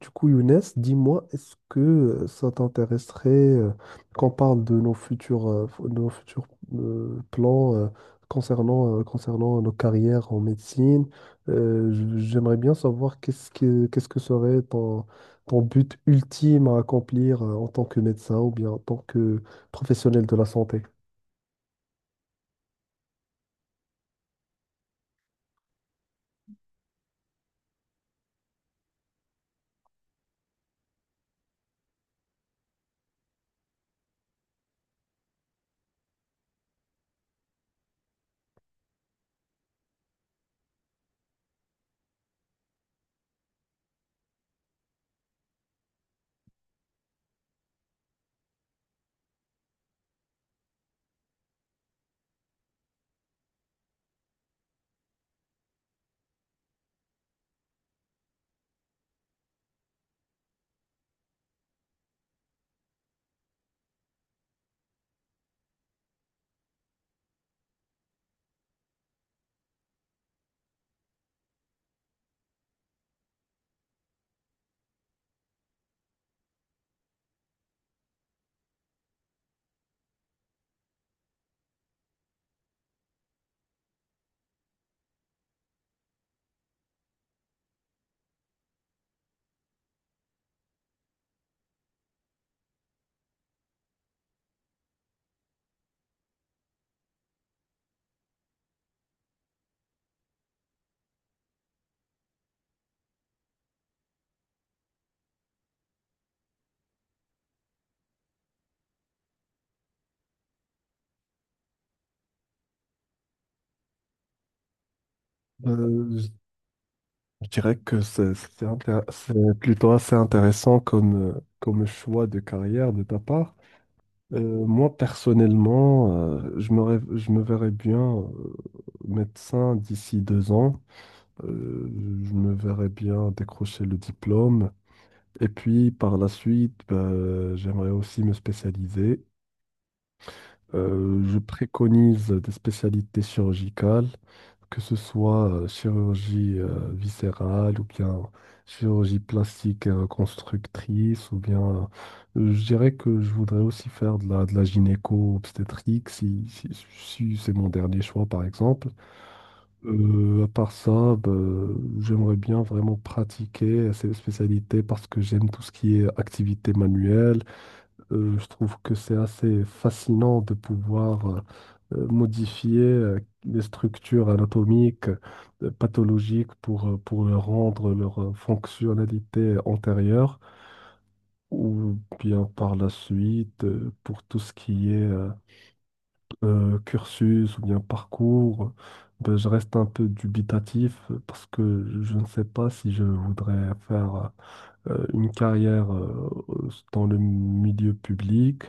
Du coup, Younes, dis-moi, est-ce que ça t'intéresserait, qu'on parle de nos futurs, de nos futurs plans concernant, concernant nos carrières en médecine? J'aimerais bien savoir qu'est-ce que serait ton, ton but ultime à accomplir, en tant que médecin ou bien en tant que professionnel de la santé. Euh, je je dirais que c'est plutôt assez intéressant comme, comme choix de carrière de ta part. Moi, personnellement, je me verrais bien, médecin d'ici deux ans. Euh, je me verrais bien décrocher le diplôme. Et puis, par la suite, bah, j'aimerais aussi me spécialiser. Je préconise des spécialités chirurgicales, que ce soit, chirurgie, viscérale ou bien chirurgie plastique et reconstructrice, ou bien, je dirais que je voudrais aussi faire de la gynéco-obstétrique si c'est mon dernier choix par exemple. À part ça, bah, j'aimerais bien vraiment pratiquer ces spécialités parce que j'aime tout ce qui est activité manuelle. Je trouve que c'est assez fascinant de pouvoir, modifier, les structures anatomiques, pathologiques pour leur rendre leur, fonctionnalité antérieure ou bien par la suite, pour tout ce qui est, cursus ou bien parcours. Ben, je reste un peu dubitatif, parce que je ne sais pas si je voudrais faire, une carrière, dans le milieu public,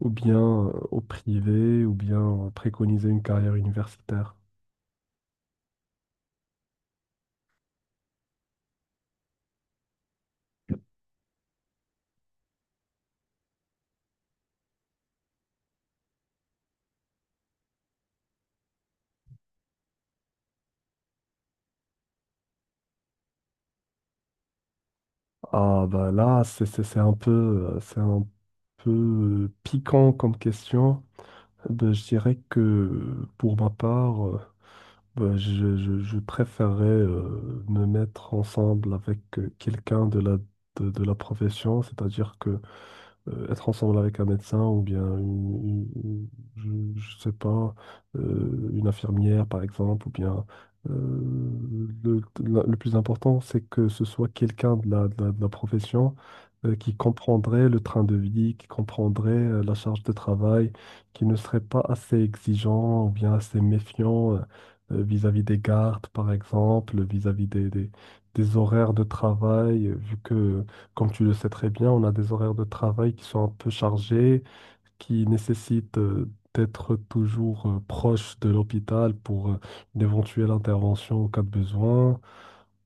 ou bien, au privé, ou bien, préconiser une carrière universitaire. Ah bah là, c'est un peu, c'est un peu, piquant comme question. Ben, je dirais que pour ma part, ben, je préférerais, me mettre ensemble avec, quelqu'un de la profession, c'est-à-dire que, être ensemble avec un médecin ou bien je sais pas, une infirmière par exemple, ou bien, euh, le plus important, c'est que ce soit quelqu'un de la profession, qui comprendrait le train de vie, qui comprendrait, la charge de travail, qui ne serait pas assez exigeant ou bien assez méfiant, vis-à-vis des gardes, par exemple, vis-à-vis des horaires de travail, vu que comme tu le sais très bien, on a des horaires de travail qui sont un peu chargés, qui nécessitent, d'être toujours, proche de l'hôpital pour, une éventuelle intervention en cas de besoin.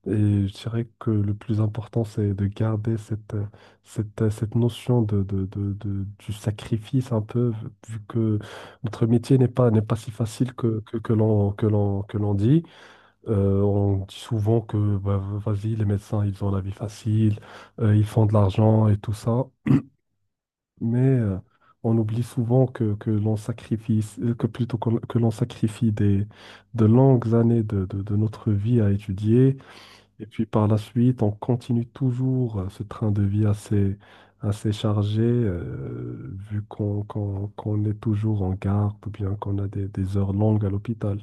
Et je dirais que le plus important, c'est de garder cette notion du sacrifice un peu, vu que notre métier n'est pas si facile que que l'on dit. On dit souvent que, bah, vas-y, les médecins, ils ont la vie facile, ils font de l'argent et tout ça, mais on oublie souvent que l'on sacrifie, que l'on sacrifie des, de longues années de notre vie à étudier, et puis par la suite, on continue toujours, ce train de vie assez chargé, vu qu'on est toujours en garde ou bien qu'on a des heures longues à l'hôpital.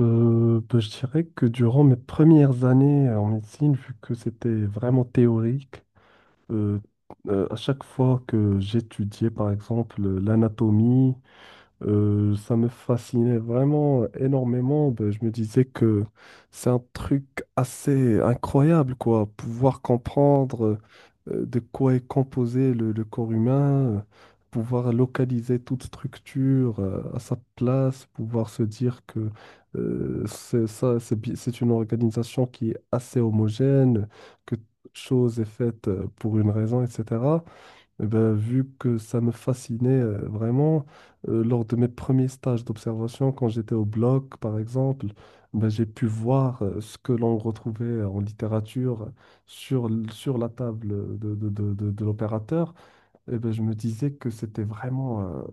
Bah, je dirais que durant mes premières années, en médecine, vu que c'était vraiment théorique, euh, à chaque fois que j'étudiais par exemple, l'anatomie, ça me fascinait vraiment énormément. Ben, je me disais que c'est un truc assez incroyable, quoi. Pouvoir comprendre, de quoi est composé le corps humain, pouvoir localiser toute structure, à sa place, pouvoir se dire que, c'est ça, c'est une organisation qui est assez homogène, que toute chose est faite, pour une raison, etc. Eh ben, vu que ça me fascinait, vraiment, lors de mes premiers stages d'observation, quand j'étais au bloc, par exemple, ben, j'ai pu voir, ce que l'on retrouvait en littérature sur la table de l'opérateur. Eh ben, je me disais que c'était vraiment,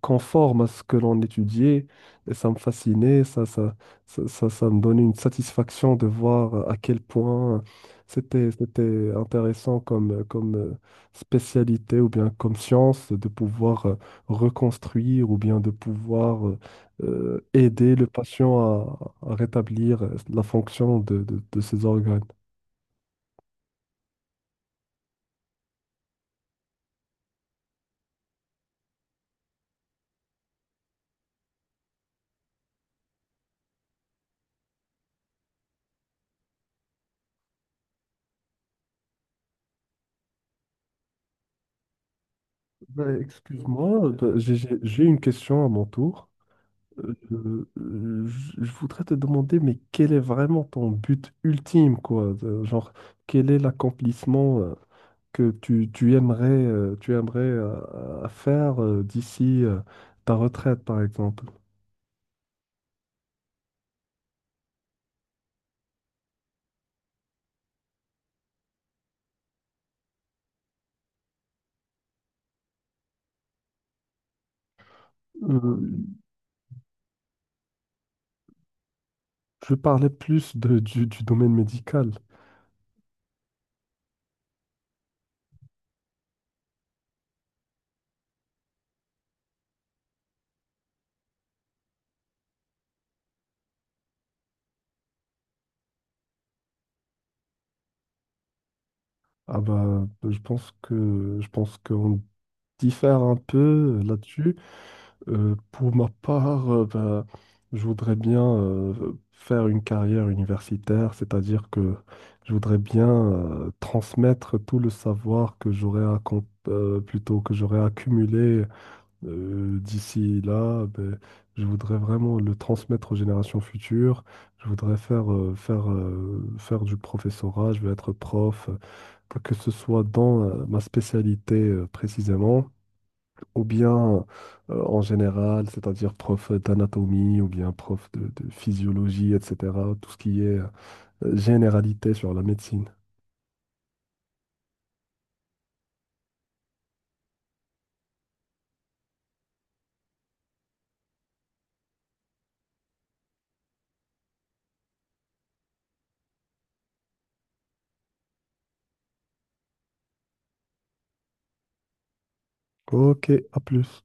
conforme à ce que l'on étudiait et ça me fascinait, ça me donnait une satisfaction de voir à quel point c'était intéressant comme, spécialité ou bien comme science de pouvoir, reconstruire ou bien de pouvoir, aider le patient à rétablir, la fonction de ses organes. Ben, excuse-moi, ben, j'ai une question à mon tour. Euh, je voudrais te demander, mais quel est vraiment ton but ultime, quoi? Genre, quel est l'accomplissement, que tu aimerais, tu aimerais, faire, d'ici, ta retraite, par exemple? Euh, je parlais plus du domaine médical. Ah bah, je pense qu'on diffère un peu, là-dessus. Pour ma part, ben, je voudrais bien, faire une carrière universitaire, c'est-à-dire que je voudrais bien, transmettre tout le savoir que j'aurais accom- plutôt que j'aurais accumulé, d'ici là. Ben, je voudrais vraiment le transmettre aux générations futures. Je voudrais faire du professorat, je veux être prof, que ce soit dans, ma spécialité, précisément ou bien, en général, c'est-à-dire prof d'anatomie ou bien prof de physiologie, etc. Tout ce qui est, généralité sur la médecine. Ok, à plus.